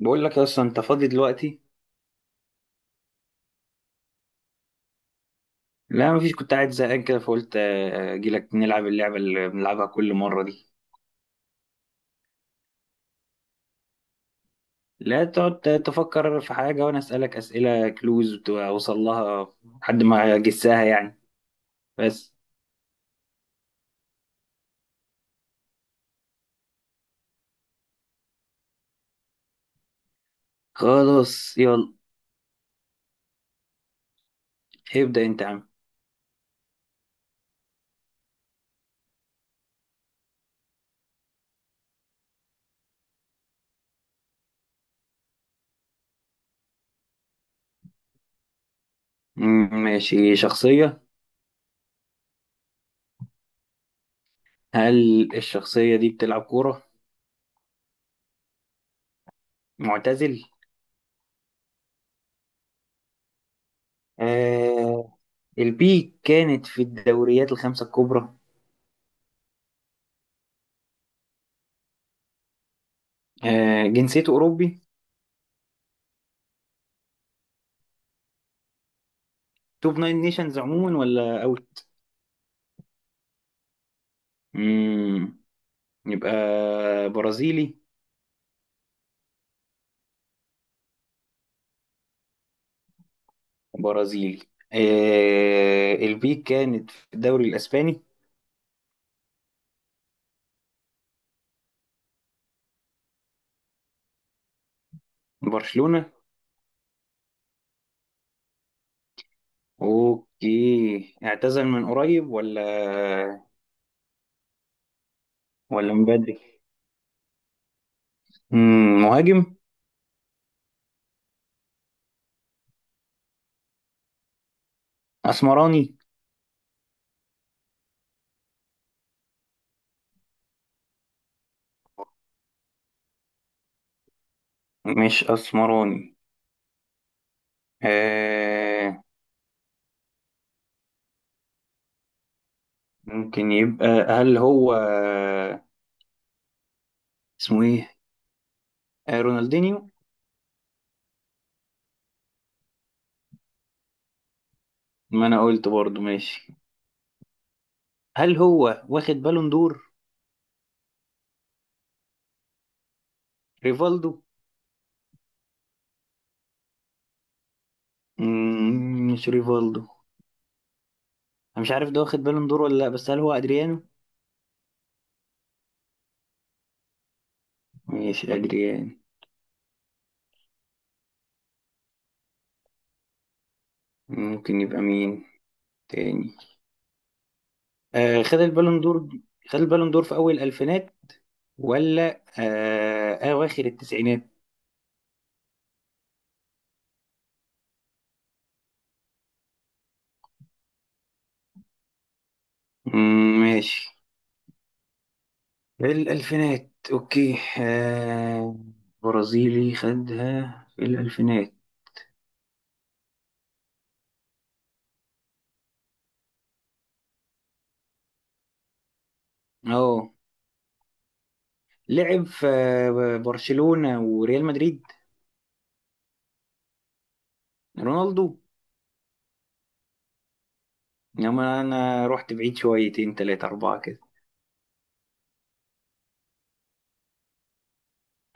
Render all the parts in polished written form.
بقول لك يا اسطى، انت فاضي دلوقتي؟ لا مفيش، كنت قاعد زهقان كده فقلت اجي لك نلعب اللعبه اللي بنلعبها كل مره دي. لا، تقعد تفكر في حاجه وانا اسالك اسئله كلوز اوصل لها. لحد ما اجسها يعني. بس. خلاص يلا. ابدا انت يا عم. ماشي، شخصيه. هل الشخصيه دي بتلعب كوره؟ معتزل؟ آه. البيك كانت في الدوريات الخمسه الكبرى؟ آه، جنسيته اوروبي؟ توب ناين نيشنز عموما ولا اوت؟ يبقى برازيلي؟ برازيلي. آه، البيك كانت في الدوري الاسباني؟ برشلونة؟ اوكي، اعتزل من قريب ولا ولا من بدري؟ مهاجم؟ اسمراني؟ مش اسمراني. آه. ممكن يبقى. هل هو اسمه ايه؟ آه، رونالدينيو؟ ما انا قلت برضو، ماشي. هل هو واخد بالون دور؟ ريفالدو؟ مش ريفالدو. انا مش عارف ده واخد بالون دور ولا لا، بس هل هو ادريانو؟ ماشي ادريانو. ممكن يبقى مين تاني؟ آه، خد البالون دور. خد البالون دور في اول الالفينات ولا اواخر التسعينات؟ ماشي. الالفينات، اوكي. آه. برازيلي خدها في الالفينات. اه. لعب في برشلونة وريال مدريد؟ رونالدو؟ انما انا رحت بعيد شويتين تلاتة اربعة كده.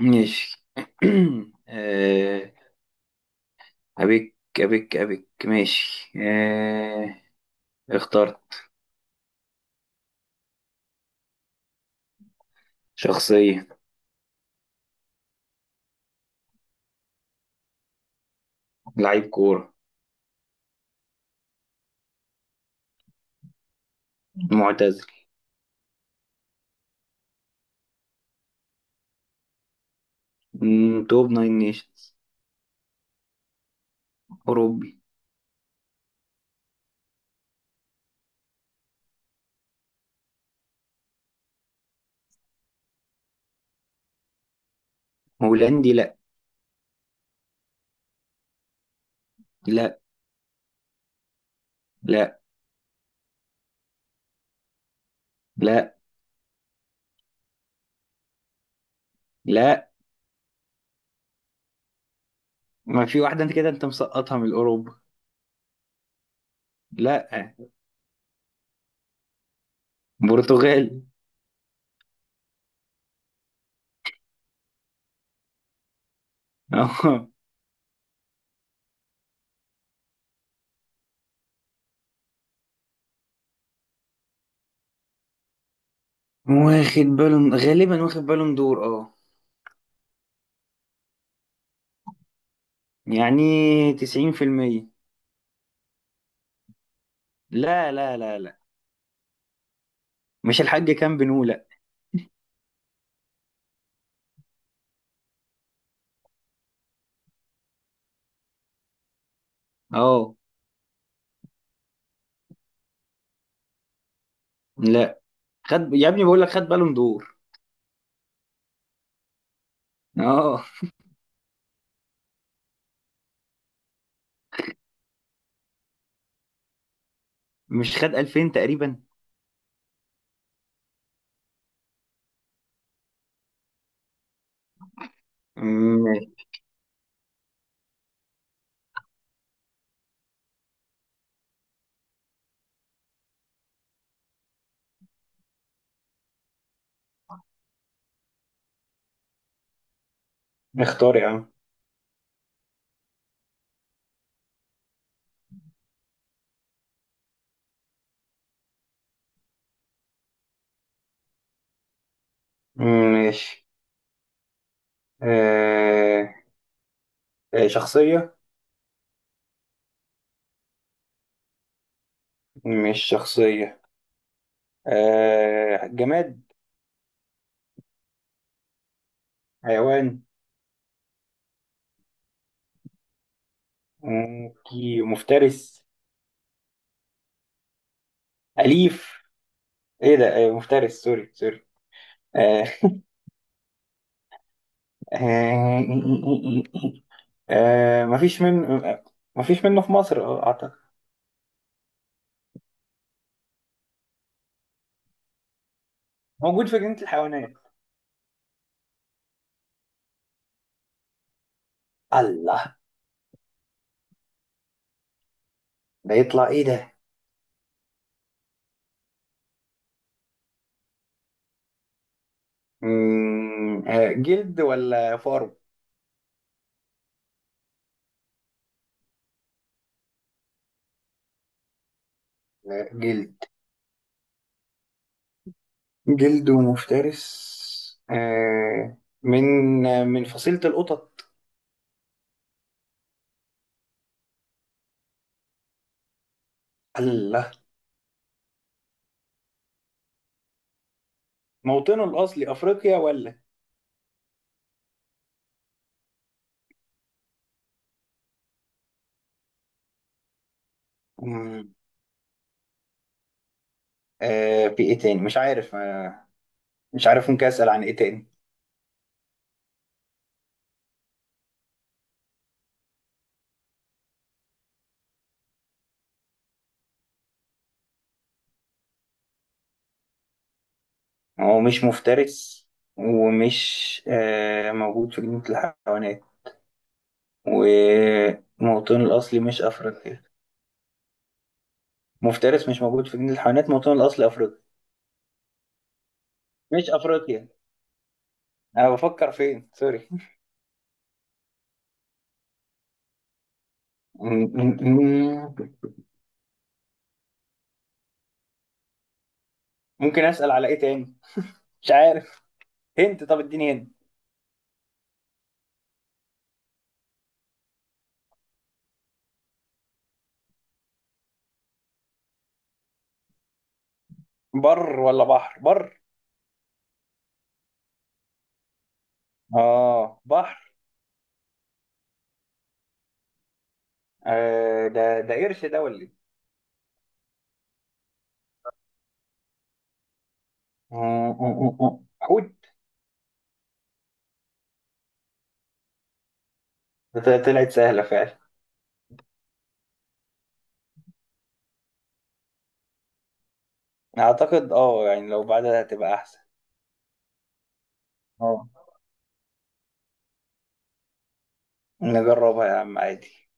ماشي. آه. أبيك أبيك أبيك. ماشي. اخترت. شخصية. لعيب كورة. معتزل. توب ناين نيشنز. أوروبي. هولندي؟ لأ. لأ. لأ. لأ. لأ. ما في واحدة، أنت كده أنت مسقطها من أوروبا. لأ. برتغالي. أه. واخد بالون، غالبا واخد بالون دور، أه. يعني تسعين في المية. لا، لا، لا، لا. مش الحاج كان بنو، لأ. أه. لأ. خد يا ابني، بقول لك خد بالون دور. أه. مش خد 2000 تقريبا؟ ماشي. اختار يا عم. ماشي. آه... شخصية. مش شخصية؟ جماد؟ حيوان؟ مفترس؟ أليف؟ إيه ده! مفترس، سوري سوري. آه... آه... آه... مفيش من مفيش منه في مصر، أعتقد. موجود في جنينة الحيوانات؟ الله. ده يطلع إيه ده؟ جلد ولا فارو؟ لا، جلد. جلد مفترس، من فصيلة القطط؟ الله. موطنه الأصلي أفريقيا ولا؟ مم، في إيه تاني، مش عارف. مش عارف، ممكن أسأل عن إيه تاني؟ هو مش مفترس، ومش موجود في جنينة الحيوانات، وموطنه الأصلي مش أفريقيا؟ مفترس، مش موجود في جنينة الحيوانات، موطنه الأصلي أفريقيا؟ مش أفريقيا. أنا بفكر فين، سوري. مم، مم، مم. ممكن أسأل على إيه تاني؟ مش عارف. هنت، طب اديني هنت. بر ولا بحر؟ بر. اه، بحر. آه، ده قرش ده ولا ايه؟ آه، حوت. ده طلعت سهلة فعلا. اعتقد اه، يعني لو بعدها هتبقى احسن. اه. نجربها يا عم عادي.